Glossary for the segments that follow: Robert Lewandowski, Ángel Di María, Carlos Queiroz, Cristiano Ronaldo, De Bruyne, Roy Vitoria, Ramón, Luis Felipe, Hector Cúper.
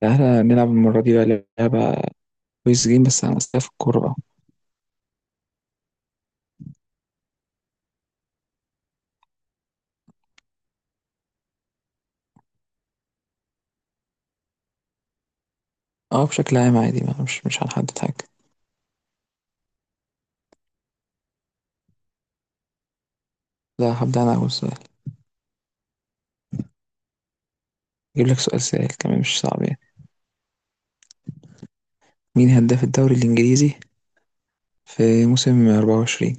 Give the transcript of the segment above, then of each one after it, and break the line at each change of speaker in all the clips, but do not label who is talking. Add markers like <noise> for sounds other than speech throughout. تعالى نلعب المرة دي بقى لعبة. كويس جيم بس عن أسئلة في الكورة بقى. اه بشكل عام عادي بقى مش هنحدد حاجة. لا هبدأ أنا أول سؤال. أجيب لك سؤال سهل كمان مش صعب يعني. مين هداف الدوري الإنجليزي في موسم 24؟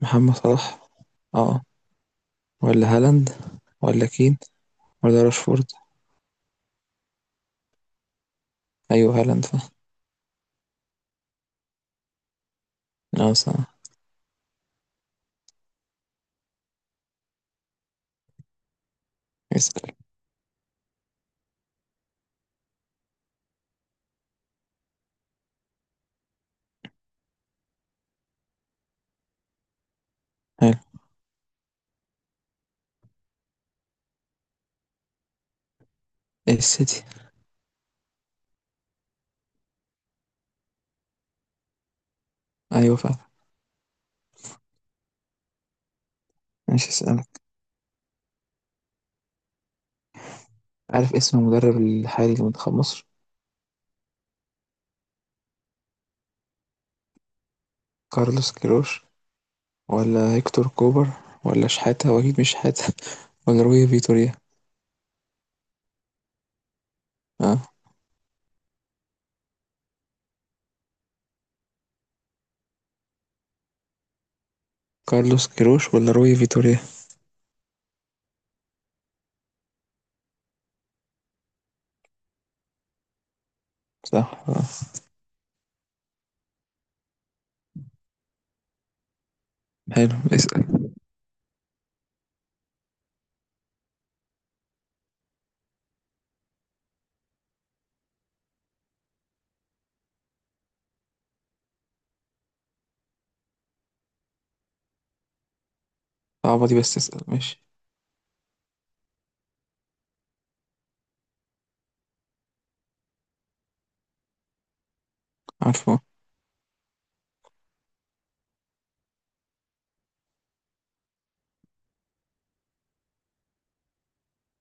محمد صلاح، اه، ولا هالاند، ولا كين، ولا راشفورد؟ أيوه هالاند فا، اه صح. اسأل. حلو، السيتي. أيوه فعلا. ماشي اسألك، عارف اسم المدرب الحالي لمنتخب مصر؟ كارلوس كيروش ولا هيكتور كوبر ولا شحاتة، واكيد مش شحاتة، <laughs> ولا روي فيتوريا؟ اه كارلوس كيروش ولا روي فيتوريا. صح آه. حلو اسأل. صعبة دي بس اسأل ماشي. عارفه.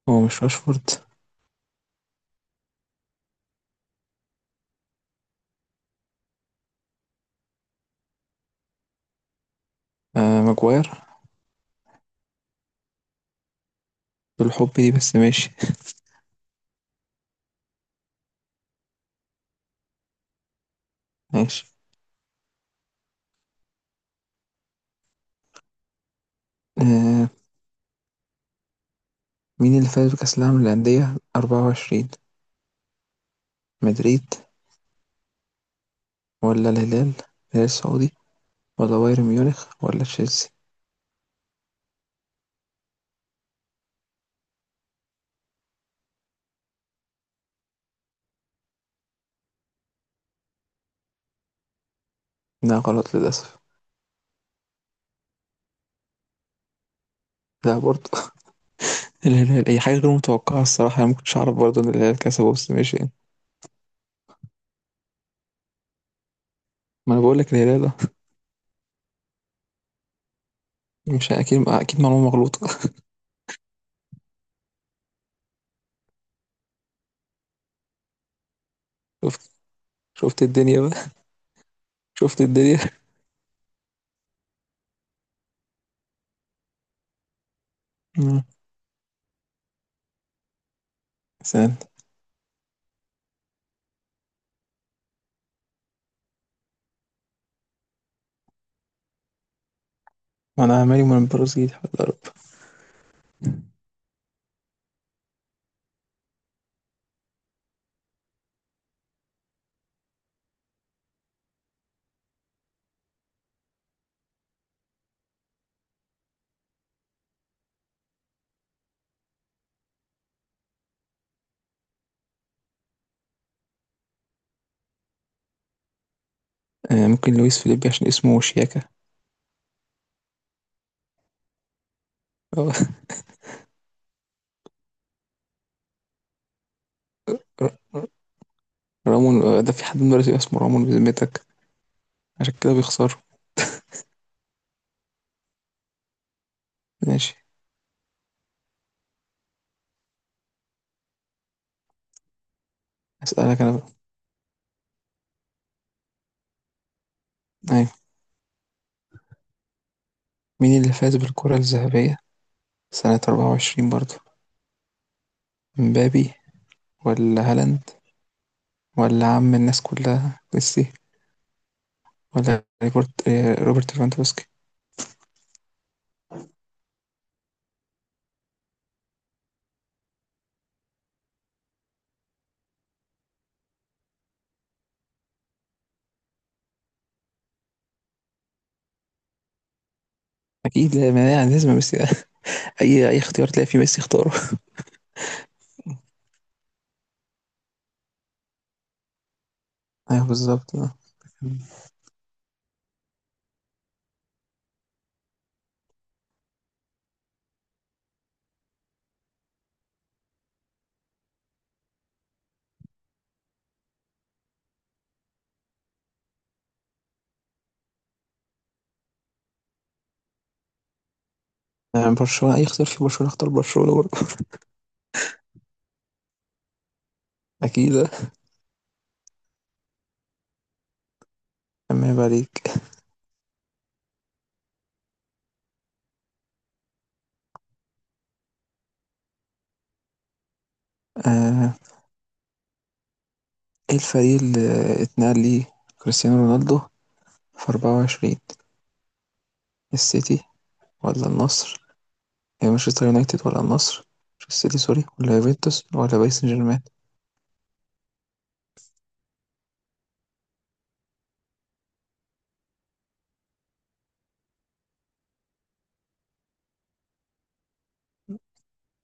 هو مش راشفورد. آه ماجواير. بالحب دي بس ماشي. ماشي. آه، مين اللي فاز بكأس العالم للأندية 24؟ مدريد ولا الهلال، الهلال السعودي، ولا بايرن ميونخ ولا تشيلسي؟ لا غلط للأسف. لا برضه. <laughs> الهلال أي حاجة غير متوقعة الصراحة، أنا مكنتش أعرف برضه إن الهلال كسبه، بس ماشي يعني. ما أنا باقول لك الهلال. آه، مش أكيد أكيد معلومة مغلوطة. <laughs> شُفت، شُفت الدنيا بقى، شُفت الدنيا. إمم، سهلة. ما أنا عمال من البرازيل، حول الله يا رب. ممكن لويس فليبي عشان اسمه شياكة. آه. ر ر رامون، ده في حد من البرازيل اسمه رامون بذمتك؟ عشان كده بيخسروا. ماشي. هاسألك أنا بقى. أيوه، مين اللي فاز بالكرة الذهبية سنة 24 برضه؟ إمبابي والّا هالاند والّا عم الناس كلها ميسي، والّا روبرت روبرت ليفاندوفسكي؟ أكيد لا ما يعني لازم ميسي. اي اي اختيار تلاقي فيه ميسي اختاره. <laughs> ايوه بالظبط آه. آه، برشلونة. اي اختيار فيه برشلونة اختار برشلونة برضه. <laughs> اكيد آه. اما يبقى عليك. آه، ايه الفريق اللي اتنقل ليه كريستيانو رونالدو في 24؟ السيتي ولا النصر، يعني مانشستر يونايتد ولا النصر، مش السيتي سوري، ولا يوفنتوس ولا باريس سان جيرمان؟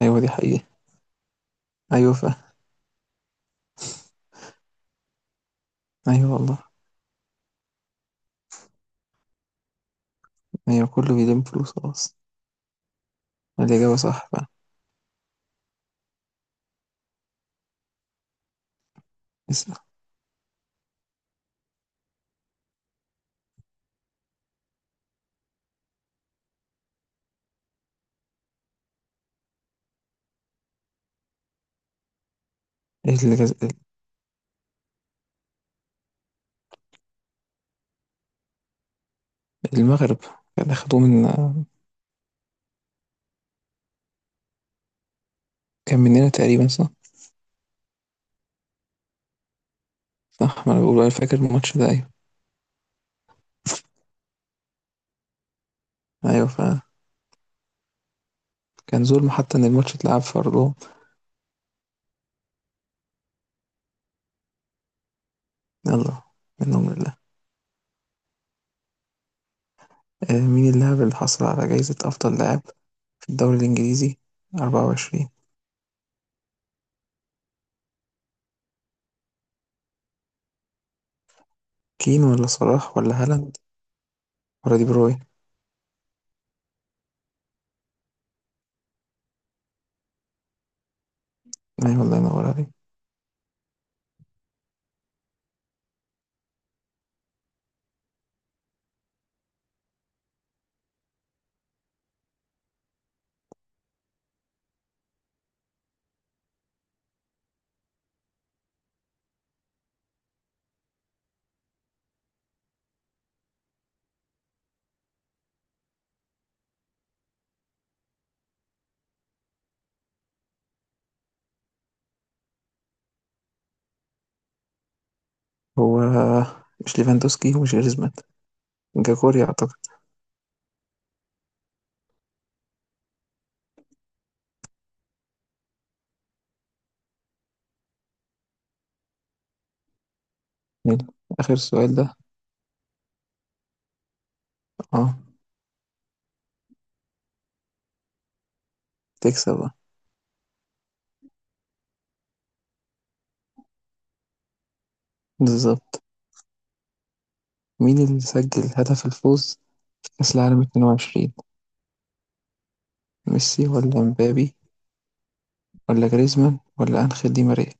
ايوه دي حقيقة. ايوه فا، ايوه والله. ايوه كله بيلم فلوس خلاص. الاجابة صح فا. اسأل. إيه اللي جز-، المغرب. كان اخدوه من، كان مننا تقريبا صح. صح، ما أنا باقول أنا فاكر الماتش ده، أيوه. أيوه فعلًا، كان ظلم حتى إن الماتش اتلعب في أرضهم. يالّا، منهم لله. مين اللاعب اللي حصل على جايزة أفضل لاعب في الدوري الإنجليزي 24؟ كين والّا صلاح والّا هالاند والّا دي بروين؟ أيوه الله ينور عليك. هو مش ليفاندوفسكي ومش جريزمان، جاكوري أعتقد. حلو، آخر سؤال ده. آه، تكسب آه، بالضبط. مين اللي سجل هدف الفوز في كأس العالم 22؟ ميسي والّا امبابي والّا جريزمان والّا أنخيل دي ماريا؟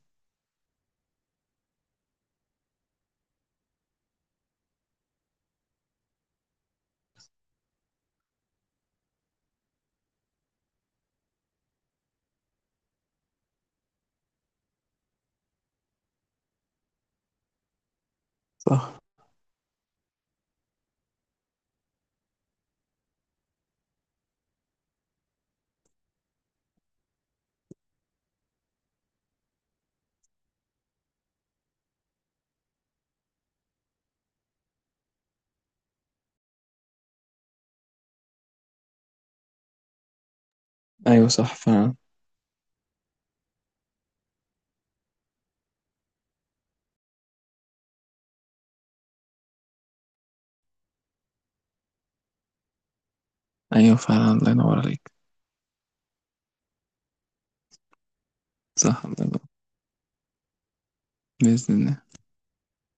صح. ايوه صح فعلا. ايوه فعلا الله ينور عليك. صح الله ينور، بإذن الله.